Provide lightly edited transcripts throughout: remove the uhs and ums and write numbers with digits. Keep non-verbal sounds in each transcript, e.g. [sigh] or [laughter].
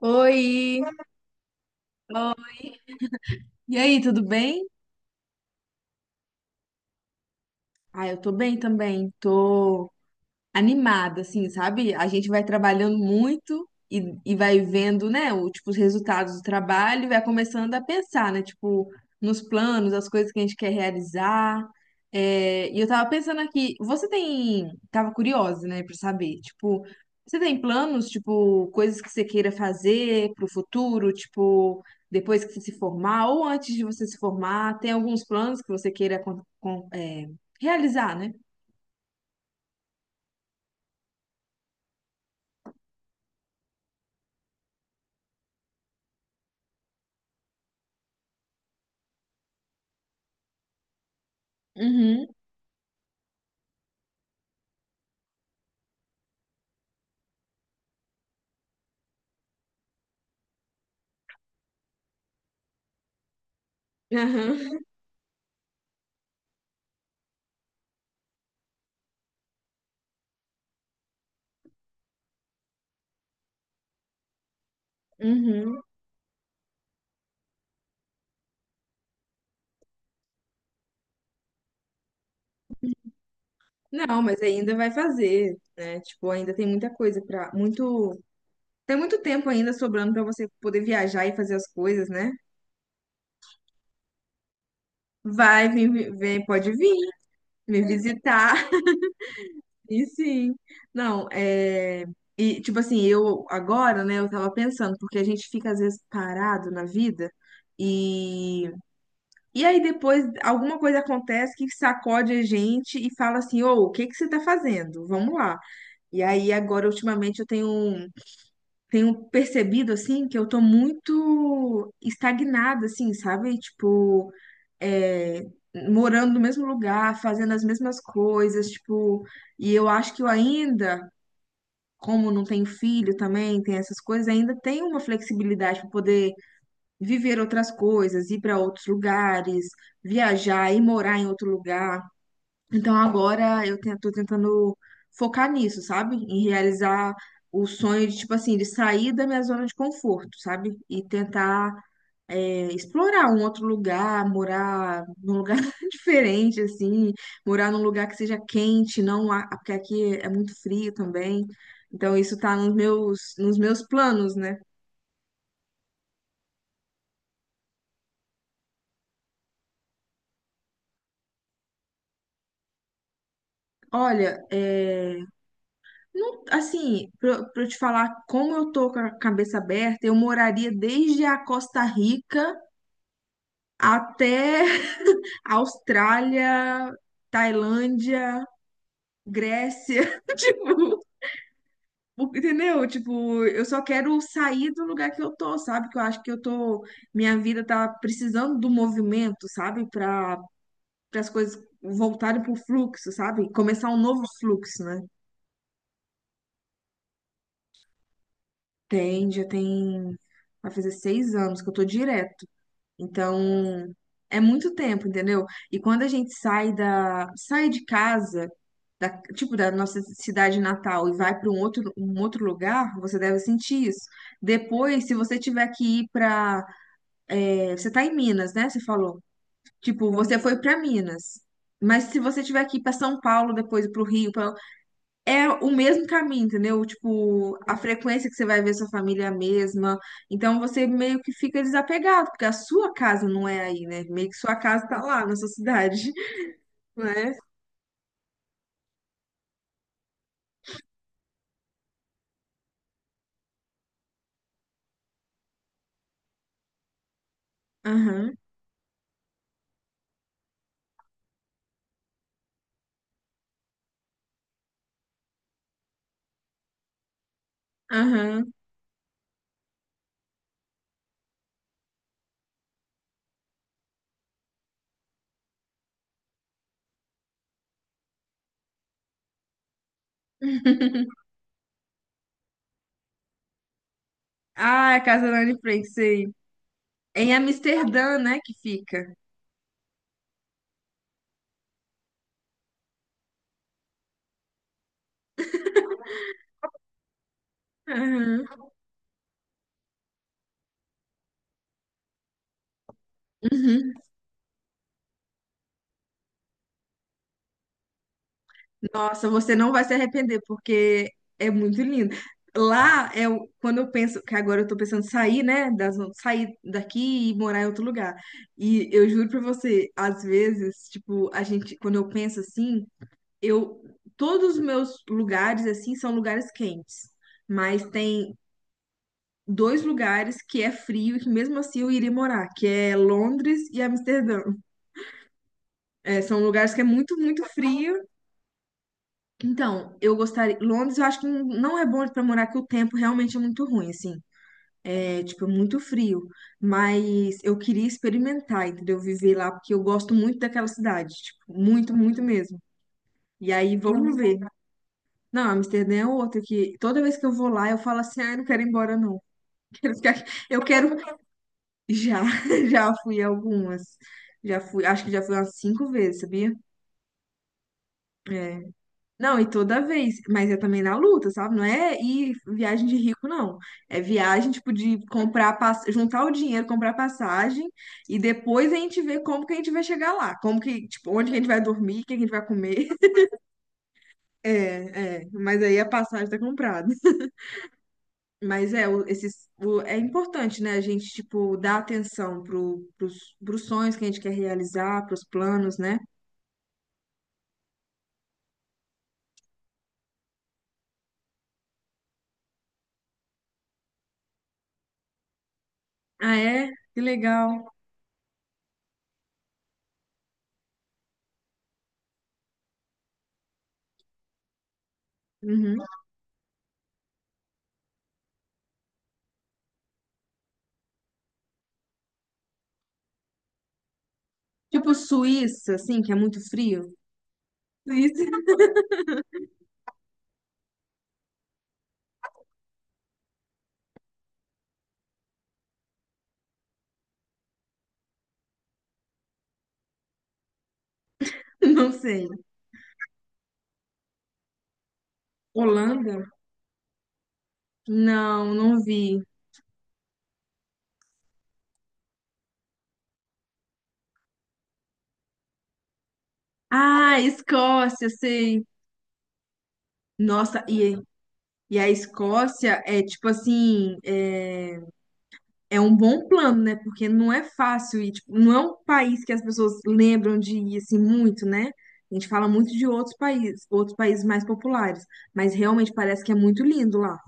Oi, Ó, e aí, tudo bem? Ah, eu tô bem também. Tô animada, assim, sabe? A gente vai trabalhando muito e vai vendo, né, o, tipo, os resultados do trabalho e vai começando a pensar, né, tipo, nos planos, as coisas que a gente quer realizar. É, e eu tava pensando aqui, você tem, tava curiosa, né, pra saber, tipo, você tem planos, tipo, coisas que você queira fazer pro futuro, tipo, depois que você se formar ou antes de você se formar, tem alguns planos que você queira realizar, né? Uhum. [laughs] Uhum. Não, mas ainda vai fazer, né? Tipo, ainda tem muita coisa pra. Muito, tem muito tempo ainda sobrando pra você poder viajar e fazer as coisas, né? Vai, vem, vem, pode vir me visitar. [laughs] E sim. Não, e tipo assim, eu agora, né, eu tava pensando, porque a gente fica às vezes parado na vida e e aí depois alguma coisa acontece que sacode a gente e fala assim: "Ô, o que que você tá fazendo? Vamos lá". E aí, agora, ultimamente, eu tenho percebido assim que eu tô muito estagnada, assim, sabe? Tipo, é, morando no mesmo lugar, fazendo as mesmas coisas, tipo, e eu acho que eu ainda, como não tenho filho também, tem essas coisas, ainda tenho uma flexibilidade para poder viver outras coisas, ir para outros lugares, viajar e morar em outro lugar. Então agora eu tô tentando focar nisso, sabe? Em realizar o sonho de, tipo assim, de sair da minha zona de conforto, sabe? E tentar explorar um outro lugar, morar num lugar [laughs] diferente, assim, morar num lugar que seja quente, não, porque aqui é muito frio também. Então isso tá nos meus planos, né? Olha, é, assim, pra eu te falar como eu tô com a cabeça aberta, eu moraria desde a Costa Rica até [laughs] Austrália, Tailândia, Grécia, [laughs] tipo, entendeu? Tipo, eu só quero sair do lugar que eu tô, sabe? Que eu acho que eu tô, minha vida tá precisando do movimento, sabe? Para as coisas voltarem pro fluxo, sabe? Começar um novo fluxo, né? Tem, já tem, vai fazer 6 anos que eu tô direto. Então, é muito tempo, entendeu? E quando a gente sai sai de casa da, tipo, da nossa cidade natal e vai para um outro lugar, você deve sentir isso. Depois, se você tiver que ir para, você tá em Minas, né? Você falou. Tipo, você foi para Minas. Mas se você tiver que ir para São Paulo, depois para o Rio, é o mesmo caminho, entendeu? Tipo, a frequência que você vai ver sua família é a mesma. Então você meio que fica desapegado, porque a sua casa não é aí, né? Meio que sua casa tá lá na sua cidade, [laughs] né? Aham, aham. [laughs] Ah, é a Casa da Anne Frank, sei. É em Amsterdã, né, que fica. Aham. Uhum. Nossa, você não vai se arrepender, porque é muito lindo. Lá é quando eu penso, que agora eu tô pensando em sair, né, sair daqui e morar em outro lugar. E eu juro pra você, às vezes, tipo, a gente, quando eu penso assim, eu todos os meus lugares assim são lugares quentes, mas tem dois lugares que é frio e que mesmo assim eu iria morar, que é Londres e Amsterdã. É, são lugares que é muito, muito frio. Então, eu gostaria. Londres, eu acho que não é bom pra morar, que o tempo realmente é muito ruim, assim. É, tipo, é muito frio. Mas eu queria experimentar, entendeu? Viver lá, porque eu gosto muito daquela cidade. Tipo, muito, muito mesmo. E aí, vamos ver. Não, Amsterdã é outra que toda vez que eu vou lá, eu falo assim: ah, eu não quero ir embora, não. [laughs] Quero ficar aqui. Eu quero. Já, [laughs] já fui algumas. Já fui, acho que já fui umas cinco vezes, sabia? É, não, e toda vez, mas é também na luta, sabe? Não é ir viagem de rico, não. É viagem, tipo, de comprar, juntar o dinheiro, comprar passagem, e depois a gente vê como que a gente vai chegar lá, como que, tipo, onde que a gente vai dormir, o que a gente vai comer. [laughs] É, é, mas aí a passagem tá comprada. [laughs] Mas é, é importante, né? A gente, tipo, dar atenção pros sonhos que a gente quer realizar, pros planos, né? Ah, é? Que legal. Uhum. Tipo, Suíça, assim, que é muito frio. Suíça. Não sei. Holanda? Não, não vi. Ah, Escócia, sei. Nossa, e a Escócia é tipo assim, é um bom plano, né? Porque não é fácil e tipo, não é um país que as pessoas lembram de ir assim muito, né? A gente fala muito de outros países mais populares, mas realmente parece que é muito lindo lá.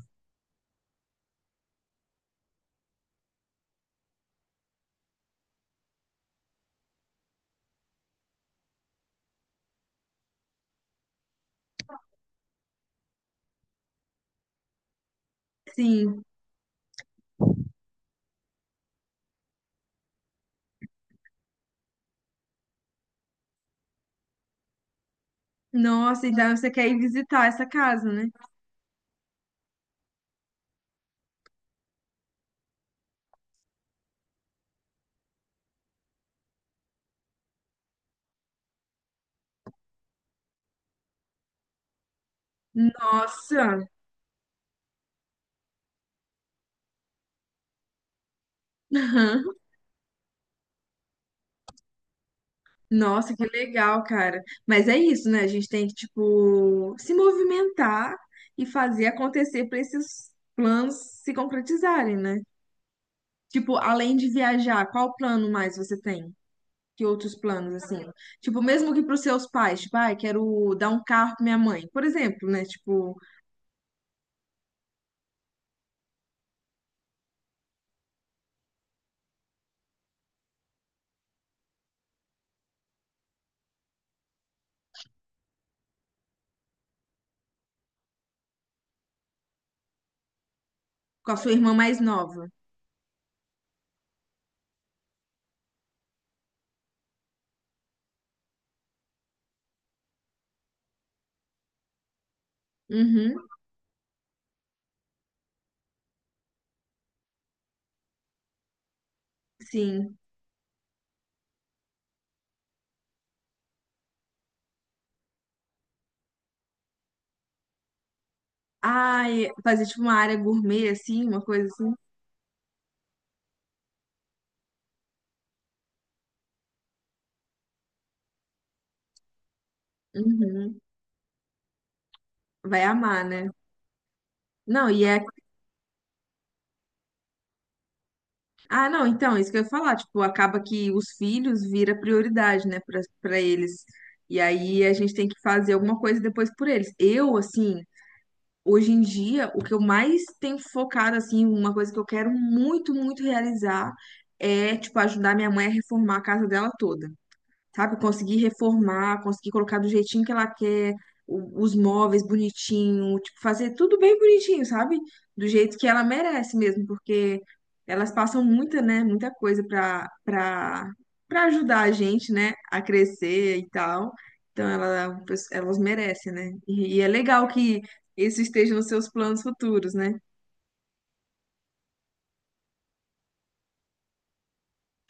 Sim. Nossa, então você quer ir visitar essa casa, né? Nossa. [laughs] Nossa, que legal, cara. Mas é isso, né? A gente tem que, tipo, se movimentar e fazer acontecer para esses planos se concretizarem, né? Tipo, além de viajar, qual plano mais você tem? Que outros planos, assim? Tipo, mesmo que para os seus pais, tipo, ai, quero dar um carro para minha mãe, por exemplo, né? Tipo, com a sua irmã mais nova. Uhum, sim. Ai, fazer tipo uma área gourmet, assim, uma coisa assim. Uhum. Vai amar, né? Não, ah, não, então, isso que eu ia falar, tipo, acaba que os filhos vira prioridade, né, para eles. E aí a gente tem que fazer alguma coisa depois por eles. Eu, assim, hoje em dia, o que eu mais tenho focado, assim, uma coisa que eu quero muito, muito realizar é, tipo, ajudar minha mãe a reformar a casa dela toda, sabe? Conseguir reformar, conseguir colocar do jeitinho que ela quer, os móveis bonitinho, tipo, fazer tudo bem bonitinho, sabe? Do jeito que ela merece mesmo, porque elas passam muita, né, muita coisa pra ajudar a gente, né, a crescer e tal. Então, ela, elas merecem, né? E é legal que isso esteja nos seus planos futuros, né?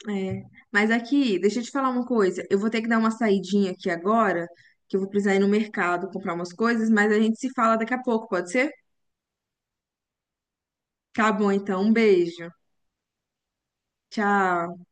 É. Mas aqui, deixa eu te falar uma coisa. Eu vou ter que dar uma saidinha aqui agora, que eu vou precisar ir no mercado comprar umas coisas, mas a gente se fala daqui a pouco, pode ser? Tá bom, então. Um beijo. Tchau.